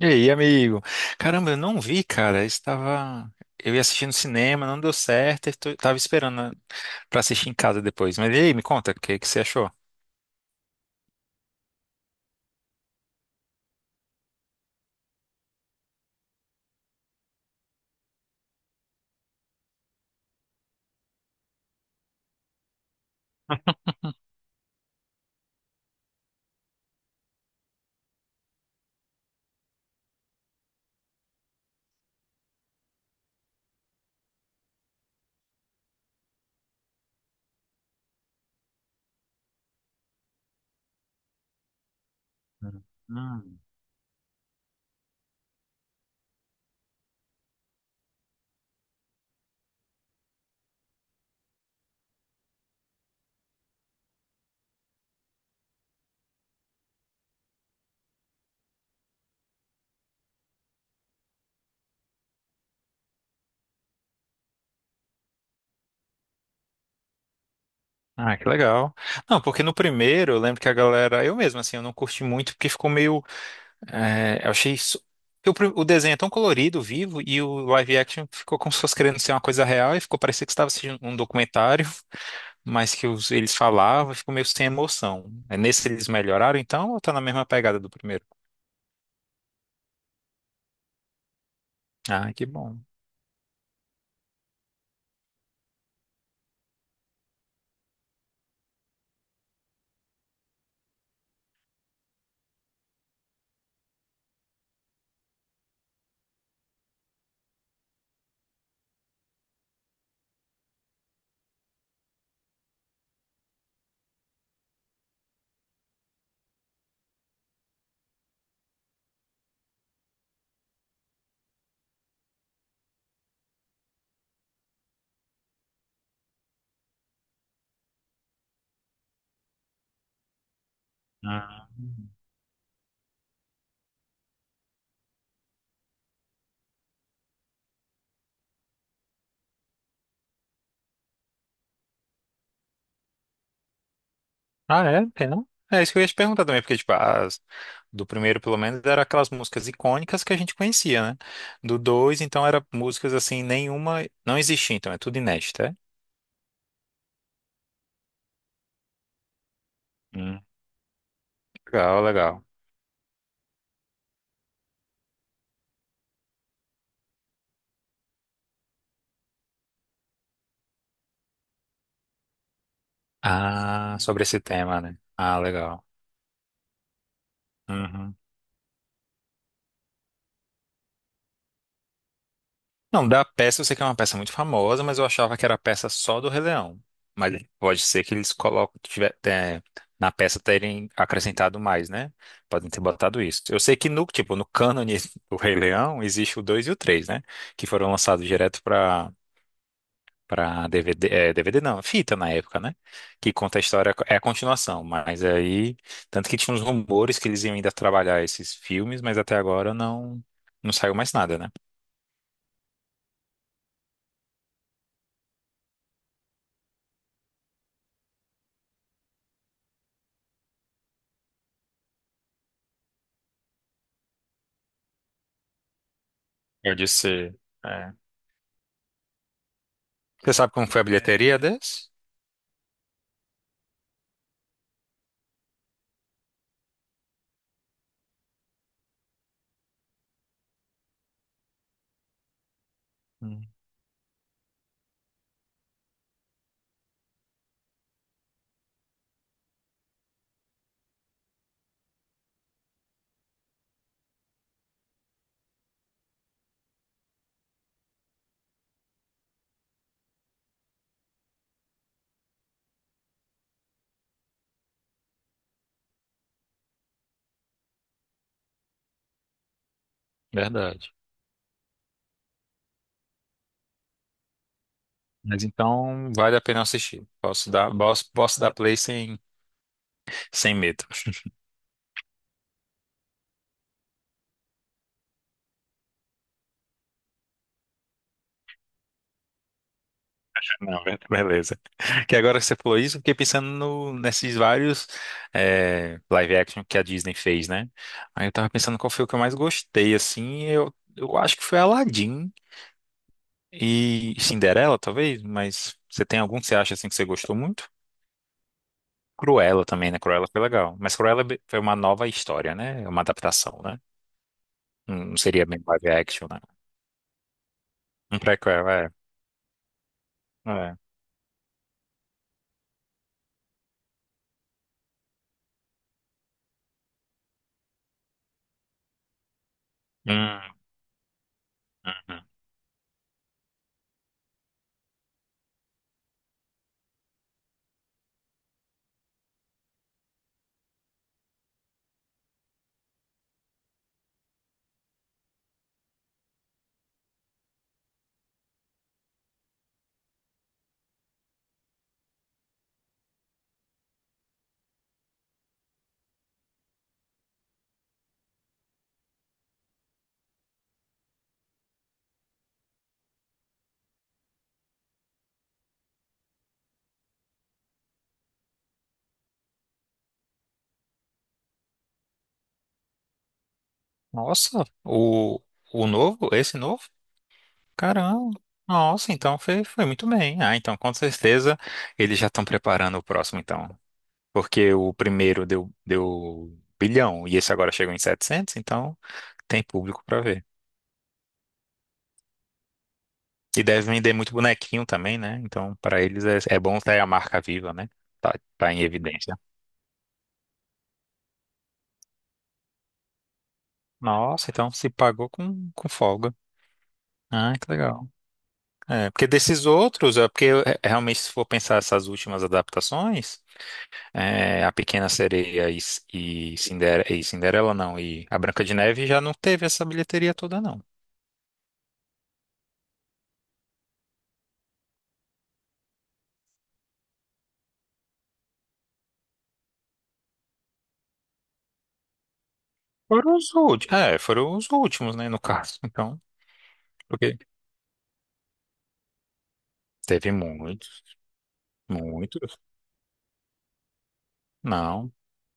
E aí, amigo? Caramba, eu não vi, cara. Eu estava. Eu ia assistir no cinema, não deu certo. Estou... Tava esperando pra assistir em casa depois. Mas e aí, me conta, o que que você achou? Hum. Ah, que legal. Não, porque no primeiro eu lembro que a galera. Eu mesmo, assim, eu não curti muito porque ficou meio. É, eu achei. Isso- porque o pri- o desenho é tão colorido, vivo, e o live action ficou como se fosse querendo ser uma coisa real e ficou parecendo que você estava assistindo um documentário. Mas que os- eles falavam, ficou meio sem emoção. É, nesse eles melhoraram, então, ou tá na mesma pegada do primeiro? Ah, que bom. Ah, Ah, é? Tem não? É isso que eu ia te perguntar também, porque, tipo, as, do primeiro, pelo menos, eram aquelas músicas icônicas que a gente conhecia, né? Do dois, então, era músicas, assim, nenhuma... Não existia, então, é tudo inédito, é? Hum. Legal, legal. Ah, sobre esse tema, né? Ah, legal. Uhum. Não, da peça eu sei que é uma peça muito famosa, mas eu achava que era a peça só do Rei Leão. Mas pode ser que eles colocam, tiver, é, na peça terem acrescentado mais, né? Podem ter botado isso. Eu sei que no, tipo, no cânone do Rei Leão existe o 2 e o 3, né? Que foram lançados direto para DVD, é, DVD não, fita na época, né? Que conta a história, é a continuação, mas aí, tanto que tinha uns rumores que eles iam ainda trabalhar esses filmes, mas até agora não saiu mais nada, né? Eu disse. Você sabe como foi a bilheteria desse? Hum. Verdade. Mas então vale a pena assistir. Posso dar, posso, posso dar play sem, sem medo. Não, be- beleza. Que agora que você falou isso, eu fiquei pensando no- nesses vários live action que a Disney fez, né? Aí eu tava pensando qual foi o que eu mais gostei, assim. Eu acho que foi Aladdin e Cinderela, talvez, mas você tem algum que você acha assim que você gostou muito? Cruella também, né? Cruella foi legal. Mas Cruella é be- foi uma nova história, né? É uma adaptação, né? Não seria bem live action, né? Um prequel, é. É. Hum, uhum. Nossa, o novo, esse novo? Caramba. Nossa, então foi, foi muito bem. Ah, então com certeza eles já estão preparando o próximo, então. Porque o primeiro deu, deu bilhão e esse agora chegou em 700 então tem público para ver. E deve vender muito bonequinho também, né? Então, para eles é, é bom ter a marca viva, né? Tá, tá em evidência. Nossa, então se pagou com folga. Ah, que legal. É, porque desses outros, é porque é, realmente se for pensar essas últimas adaptações, é, a Pequena Sereia e, Cinder- e Cinderela, não, e a Branca de Neve já não teve essa bilheteria toda, não. Foram os últimos, é, foram os últimos, né, no caso. Então, porque teve muitos, muitos. Não,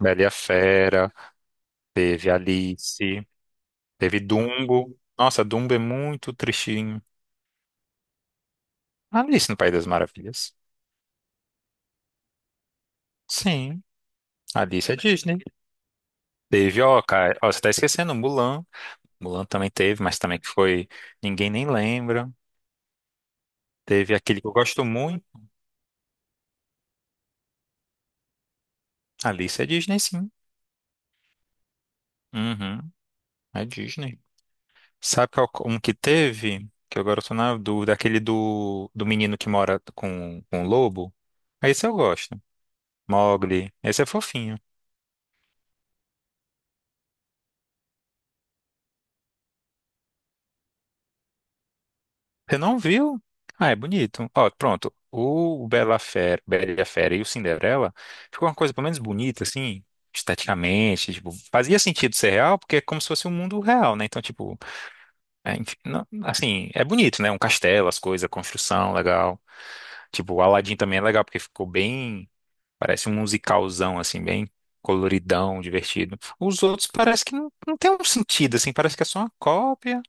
Bela e a Fera, teve Alice, teve Dumbo. Nossa, Dumbo é muito tristinho. Alice no País das Maravilhas. Sim, Alice é Disney. Teve, ó, cara, ó, você tá esquecendo, Mulan. Mulan também teve, mas também que foi. Ninguém nem lembra. Teve aquele que eu gosto muito. Alice é Disney, sim. Uhum, é Disney. Sabe qual um que teve? Que agora eu tô na dúvida. Aquele do, do menino que mora com o lobo. Esse eu gosto. Mowgli. Esse é fofinho. Você não viu? Ah, é bonito. Ó, pronto. O Bela Fera, Bela Fera e o Cinderela ficou uma coisa pelo menos bonita, assim, esteticamente. Tipo, fazia sentido ser real, porque é como se fosse um mundo real, né? Então, tipo, é, enfim, não- assim, é bonito, né? Um castelo, as coisas, a construção, legal. Tipo, o Aladdin também é legal, porque ficou bem. Parece um musicalzão, assim, bem coloridão, divertido. Os outros parece que não, não tem um sentido, assim, parece que é só uma cópia.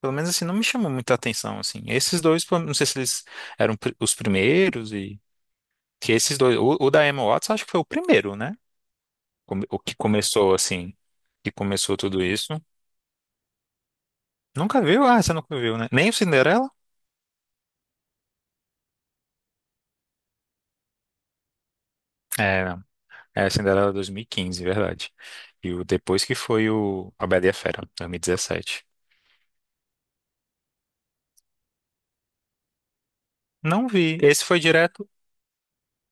Pelo menos assim, não me chamou muita atenção, assim. Esses dois, pô, não sei se eles eram pri- os primeiros e... Que esses dois... O, o da Emma Watson acho que foi o primeiro, né? Come- O que começou, assim, que começou tudo isso. Nunca viu? Ah, você nunca viu, né? Nem o Cinderela? É, não. É, a Cinderela 2015, verdade. E o depois que foi o A Bela e a Fera, 2017. Não vi. Esse foi direto...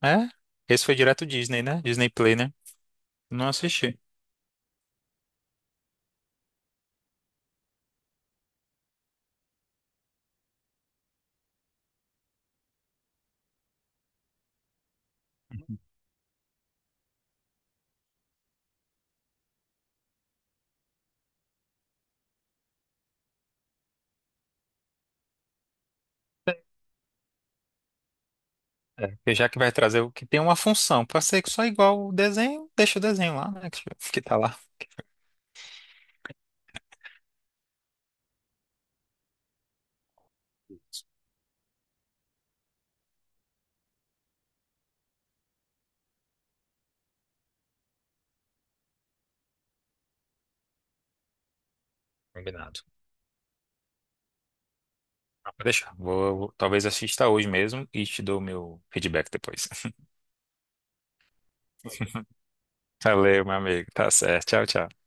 É? Esse foi direto Disney, né? Disney Play, né? Não assisti. É, porque já que vai trazer o que tem uma função, para ser só igual o desenho, deixa o desenho lá, né? Que tá lá. Combinado. Ah, pode deixar. Vou, vou- talvez assista hoje mesmo e te dou o meu feedback depois. Valeu, meu amigo. Tá certo. Tchau, tchau.